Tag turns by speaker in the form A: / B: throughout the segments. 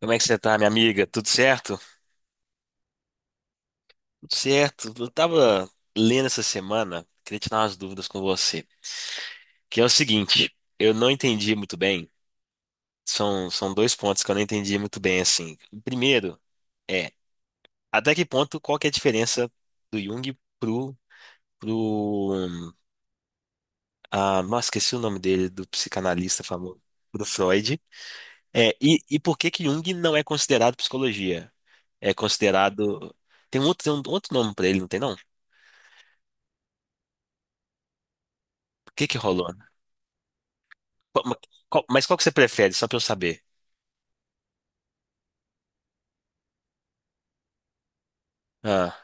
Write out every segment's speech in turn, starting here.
A: Como é que você tá, minha amiga? Tudo certo? Tudo certo. Eu tava lendo essa semana, queria tirar umas dúvidas com você. Que é o seguinte, eu não entendi muito bem. São dois pontos que eu não entendi muito bem, assim. O primeiro é, até que ponto, qual que é a diferença do Jung pro... Ah, nossa, esqueci o nome dele, do psicanalista famoso, pro Freud. E por que que Jung não é considerado psicologia? É considerado... Tem um outro nome pra ele, não tem não? O que que rolou? Qual- ma- qual que você prefere, só pra eu saber? Ah,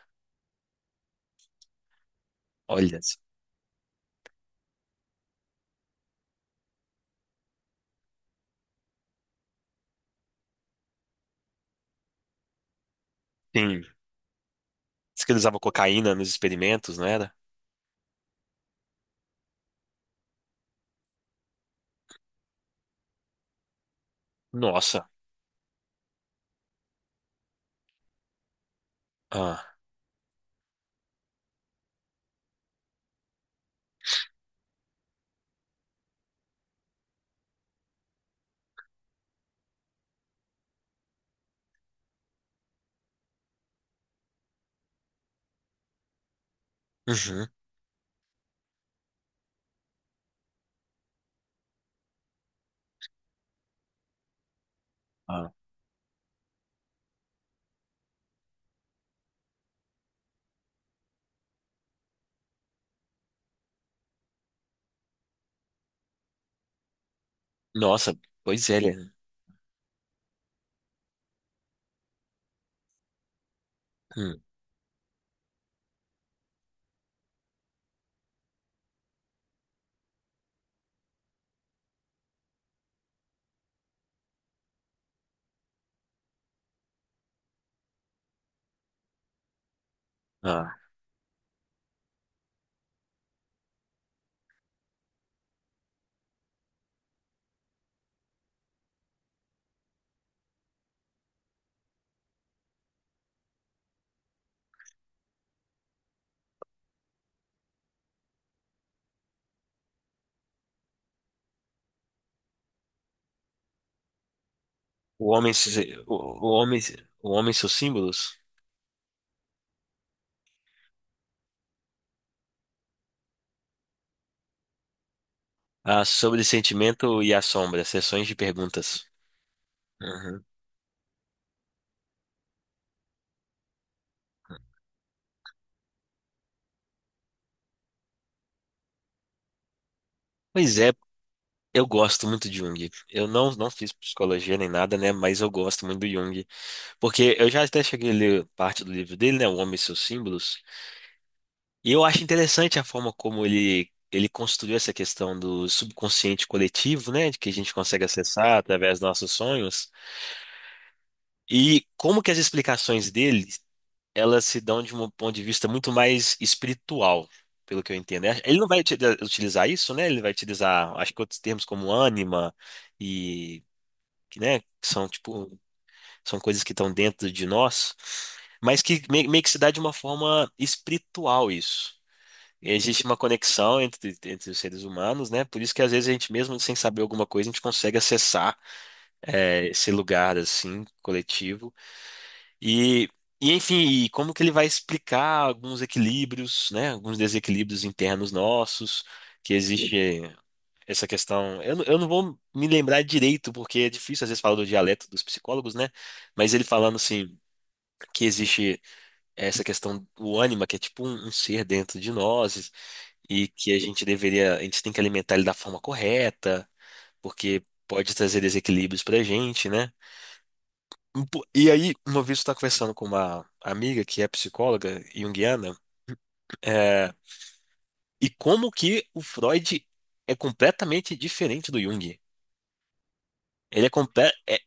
A: olha. Sim. Diz que ele usava cocaína nos experimentos, não era? Nossa. Ah. Uhum. Ah. Nossa, pois é. Hum. Ah. O homem, se- o homem e seus símbolos? Ah, sobre sentimento e a sombra, sessões de perguntas. Uhum. Pois é, eu gosto muito de Jung. Eu não fiz psicologia nem nada, né? Mas eu gosto muito do Jung. Porque eu já até cheguei a ler parte do livro dele, né? O Homem e seus símbolos. E eu acho interessante a forma como ele construiu essa questão do subconsciente coletivo, né? De que a gente consegue acessar através dos nossos sonhos. E como que as explicações dele, elas se dão de um ponto de vista muito mais espiritual, pelo que eu entendo, né? Ele não vai uti- utilizar isso, né? Ele vai utilizar, acho que outros termos como ânima e, né? Que são, tipo, são coisas que estão dentro de nós. Meio que se dá de uma forma espiritual isso. Existe uma conexão entre os seres humanos, né? Por isso que às vezes a gente, mesmo sem saber alguma coisa, a gente consegue acessar esse lugar, assim, coletivo. E, e enfim, como que ele vai explicar alguns equilíbrios, né? Alguns desequilíbrios internos nossos, que existe essa questão. Eu não vou me lembrar direito, porque é difícil às vezes falar do dialeto dos psicólogos, né? Mas ele falando assim. Que existe essa questão do ânima, que é tipo um ser dentro de nós, e que a gente tem que alimentar ele da forma correta, porque pode trazer desequilíbrios pra gente, né? E aí, uma vez eu estava conversando com uma amiga que é psicóloga junguiana, é, e como que o Freud é completamente diferente do Jung. Ele é, comple... é, é,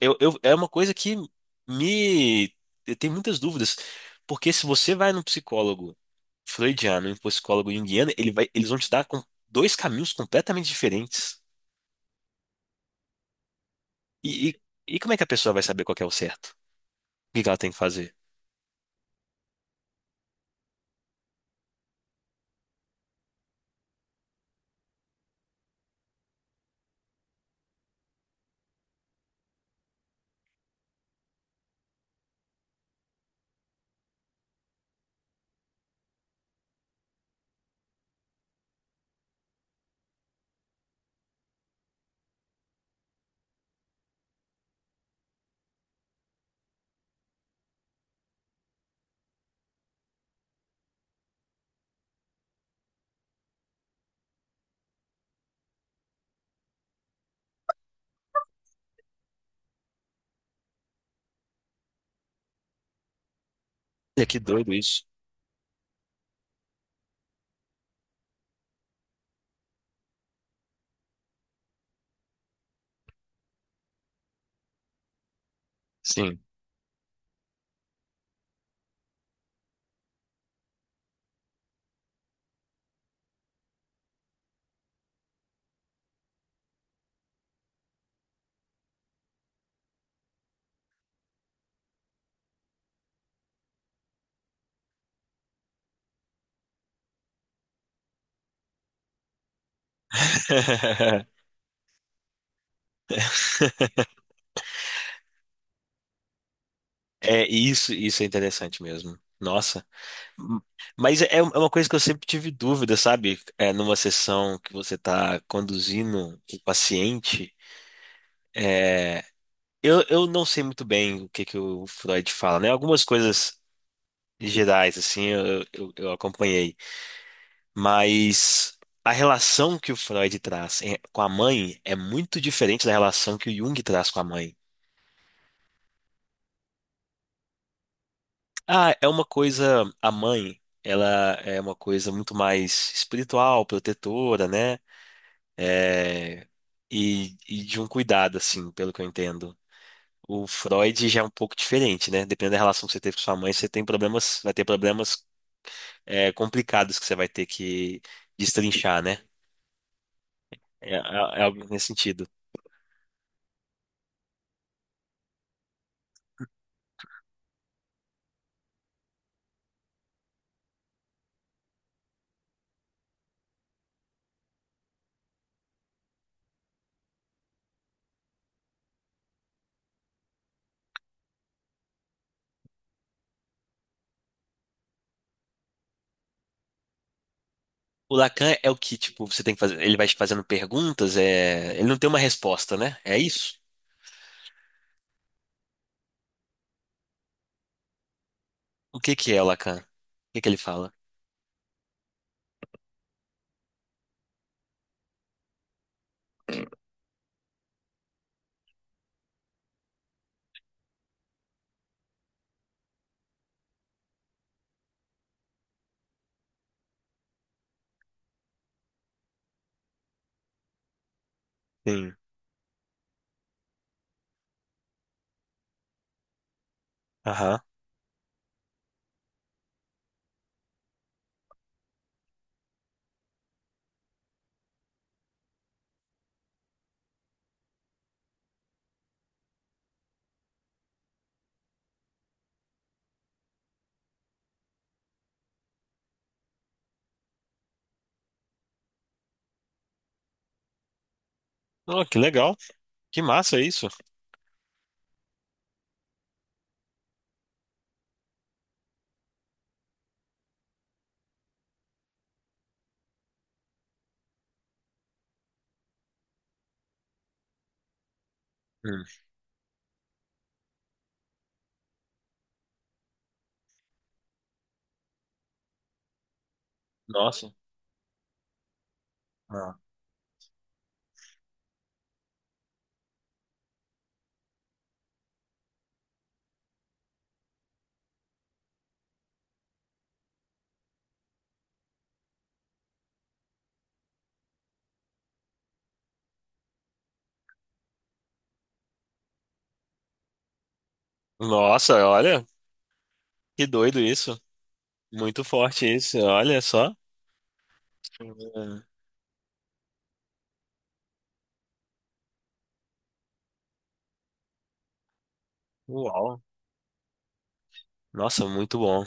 A: eu- É uma coisa que me. Eu tenho muitas dúvidas, porque se você vai num psicólogo freudiano e um psicólogo junguiano, eles vão te dar dois caminhos completamente diferentes. E, e- e como é que a pessoa vai saber qual que é o certo? O que que ela tem que fazer? Olha, que doido isso. Sim. É, isso é interessante mesmo. Nossa. M- Mas é uma coisa que eu sempre tive dúvida, sabe? É, numa sessão que você está conduzindo o paciente, é, eu não sei muito bem o que que o Freud fala, né? Algumas coisas gerais, assim, eu acompanhei. Mas a relação que o Freud com a mãe é muito diferente da relação que o Jung traz com a mãe. Ah, é uma coisa, a mãe, ela é uma coisa muito mais espiritual, protetora, né? E de um cuidado, assim, pelo que eu entendo. O Freud já é um pouco diferente, né? Dependendo da relação que você teve com sua mãe, vai ter problemas, é, complicados que você vai ter que destrinchar, né? É, é É algo nesse sentido. O Lacan é o que, tipo, você tem que fazer. Ele vai te fazendo perguntas, é... ele não tem uma resposta, né? É isso? O que que é o Lacan? O que que ele fala? Sim. Aham. Oh, que legal. Que massa isso. Hum. Nossa. Ah. Nossa, olha, que doido isso. Muito forte isso, olha só. Hum. Uau. Nossa, muito bom.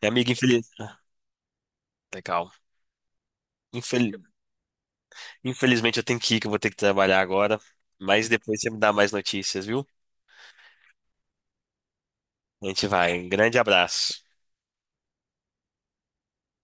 A: E, amiga, Ah, Legal. Infel- Infelizmente eu tenho que ir, que eu vou ter que trabalhar agora. Mas depois você me dá mais notícias, viu? A gente vai. Um grande abraço.